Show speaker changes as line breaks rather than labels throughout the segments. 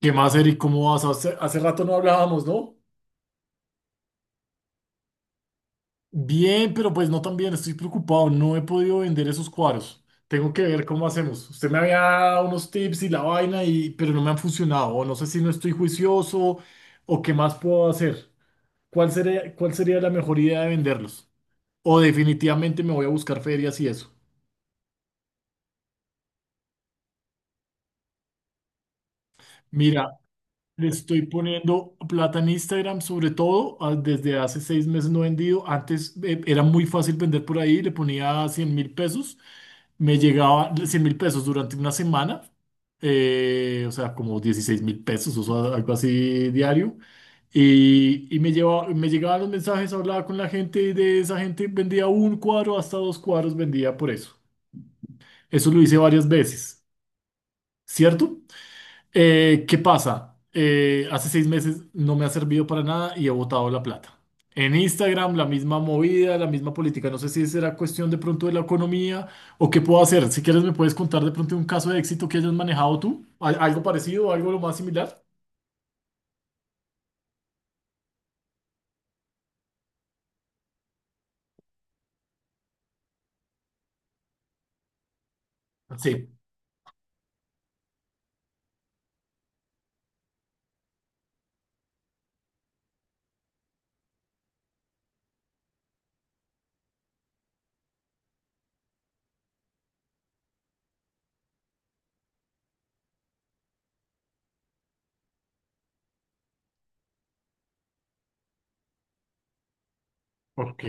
¿Qué más, Eric? ¿Cómo vas? Hace rato no hablábamos, ¿no? Bien, pero pues no tan bien. Estoy preocupado. No he podido vender esos cuadros. Tengo que ver cómo hacemos. Usted me había dado unos tips y la vaina, pero no me han funcionado. O no sé si no estoy juicioso o qué más puedo hacer. ¿Cuál sería la mejor idea de venderlos? O definitivamente me voy a buscar ferias y eso. Mira, le estoy poniendo plata en Instagram, sobre todo, desde hace 6 meses no he vendido. Antes era muy fácil vender por ahí, le ponía 100.000 pesos, me llegaba 100.000 pesos durante una semana, o sea, como 16.000 pesos, o sea, algo así diario. Y me llegaban los mensajes, hablaba con la gente y de esa gente vendía un cuadro, hasta dos cuadros vendía por eso. Eso lo hice varias veces, ¿cierto? ¿Qué pasa? Hace 6 meses no me ha servido para nada y he botado la plata. En Instagram, la misma movida, la misma política. No sé si será cuestión de pronto de la economía o qué puedo hacer. Si quieres, me puedes contar de pronto un caso de éxito que hayas manejado tú. ¿Algo parecido, algo lo más similar? Sí. Ok,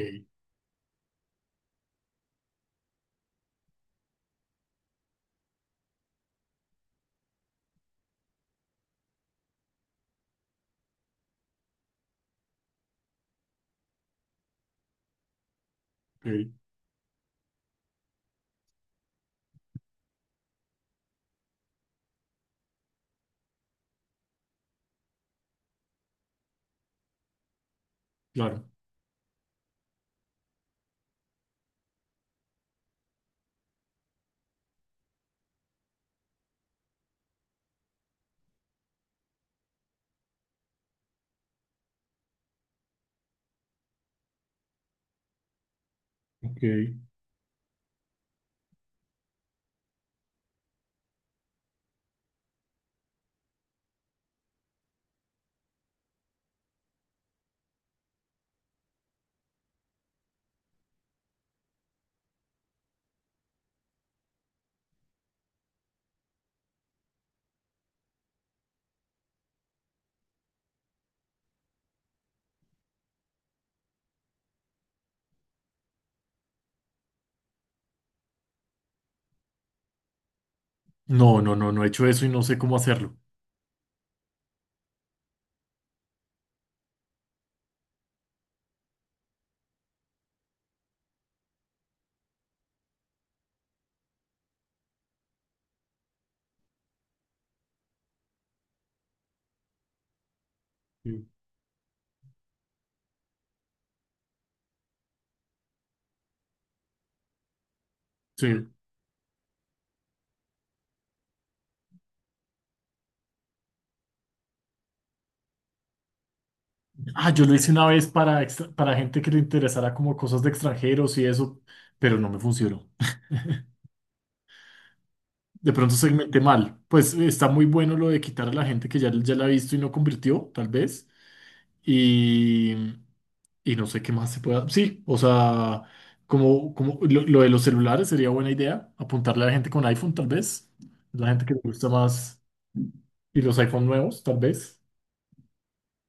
ok, claro. Ok. No, no, no, no he hecho eso y no sé cómo hacerlo. Sí. Sí. Ah, yo lo hice una vez para, para gente que le interesara como cosas de extranjeros y eso, pero no me funcionó. De pronto segmenté mal. Pues está muy bueno lo de quitar a la gente que ya, ya la ha visto y no convirtió, tal vez. Y, y no sé qué más se pueda. Sí, o sea, como lo de los celulares sería buena idea. Apuntarle a la gente con iPhone, tal vez. La gente que le gusta más. Y los iPhone nuevos, tal vez.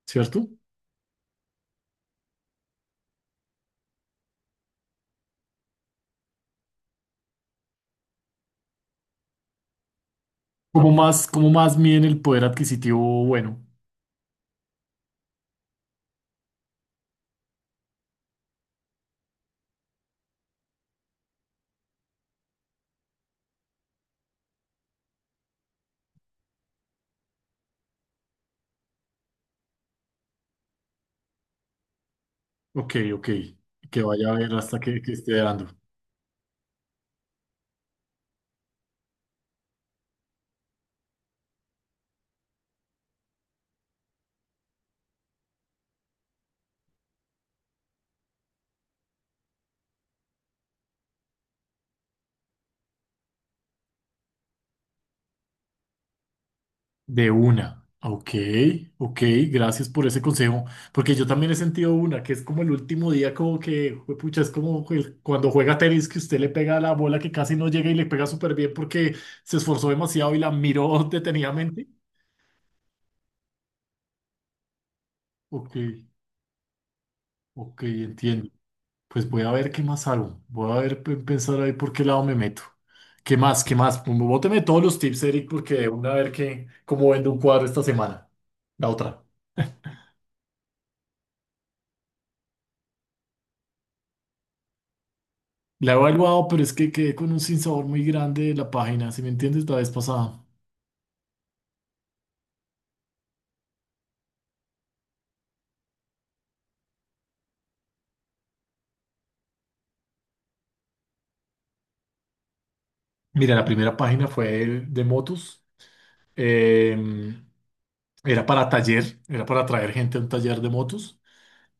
¿Cierto? Como más miden el poder adquisitivo bueno. Ok, ok. Que vaya a ver hasta que esté dando. De una. Ok, ok, gracias por ese consejo. Porque yo también he sentido una, que es como el último día, como que, pucha, es como cuando juega tenis que usted le pega la bola que casi no llega y le pega súper bien porque se esforzó demasiado y la miró detenidamente. Ok, ok, entiendo. Pues voy a ver qué más hago. Voy a ver, pensar ahí por qué lado me meto. ¿Qué más? ¿Qué más? Pues, bóteme todos los tips, Eric, porque de una a ver qué cómo vendo un cuadro esta semana. La otra. La he evaluado, pero es que quedé con un sinsabor muy grande de la página, si me entiendes, la vez pasada. Mira, la primera página fue el de motos. em, Era para taller, era para traer gente a un taller de motos.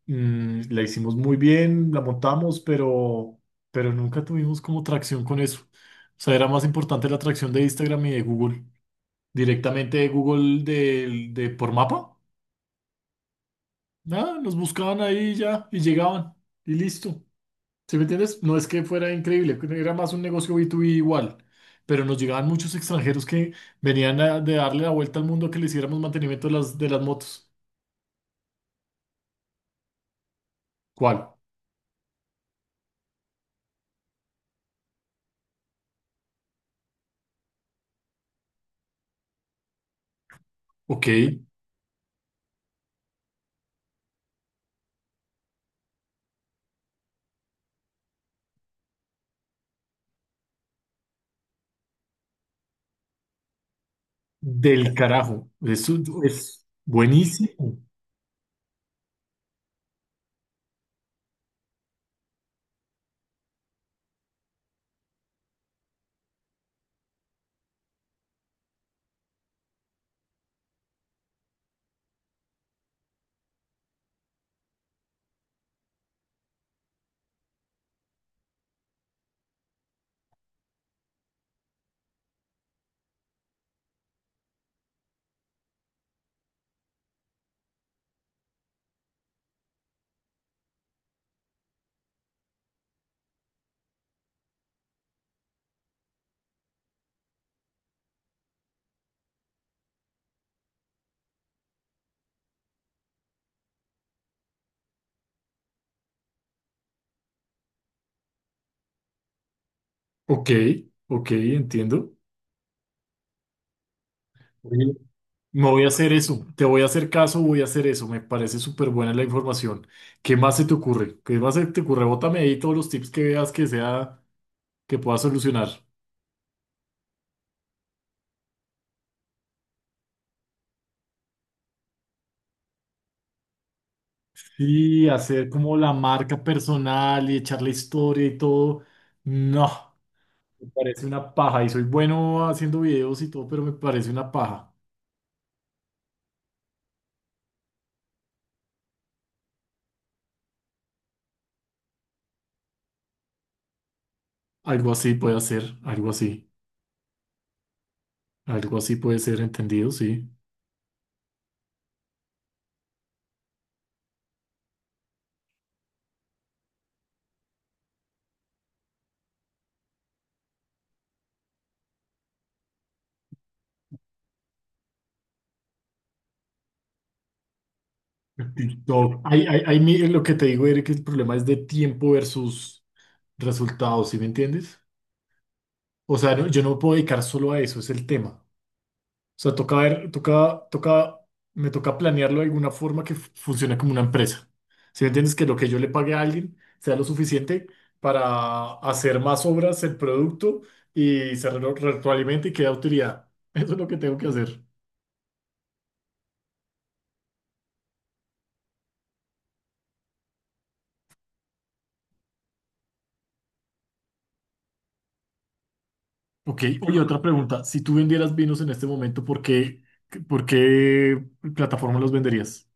La hicimos muy bien, la montamos, pero nunca tuvimos como tracción con eso. O sea, era más importante la tracción de Instagram y de Google. Directamente de Google de por mapa. Nada, nos buscaban ahí ya y llegaban y listo. ¿Sí me entiendes? No es que fuera increíble, era más un negocio B2B igual, pero nos llegaban muchos extranjeros que venían de darle la vuelta al mundo a que le hiciéramos mantenimiento de las motos. ¿Cuál? Ok, del carajo. Eso es buenísimo. Ok, ok, entiendo. Oye, me voy a hacer eso, te voy a hacer caso, voy a hacer eso. Me parece súper buena la información. ¿Qué más se te ocurre? ¿Qué más se te ocurre? Bótame ahí todos los tips que veas que sea, que pueda solucionar. Y hacer como la marca personal y echar la historia y todo. No, me parece una paja. Y soy bueno haciendo videos y todo, pero me parece una paja. Algo así puede hacer, algo así. Algo así puede ser entendido, sí. TikTok. Ahí, ahí lo que te digo, Eric, el problema es de tiempo versus resultados, ¿sí me entiendes? O sea, yo no me puedo dedicar solo a eso, es el tema. O sea, toca ver, toca, toca, me toca planearlo de alguna forma que funcione como una empresa. Si me entiendes que lo que yo le pague a alguien sea lo suficiente para hacer más obras el producto y se retroalimente y quede utilidad. Eso es lo que tengo que hacer. Ok, oye, otra pregunta. Si tú vendieras vinos en este momento, ¿por qué plataforma los venderías?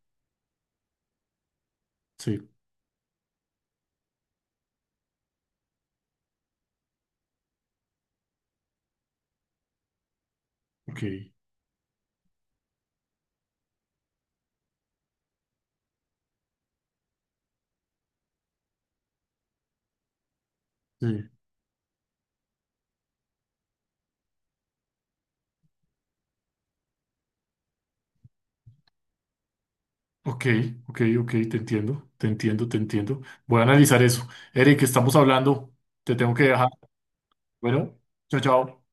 Sí, ok. Sí. Ok, ok, ok, te entiendo, te entiendo, te entiendo. Voy a analizar eso. Eric, estamos hablando. Te tengo que dejar. Bueno, chao, chao.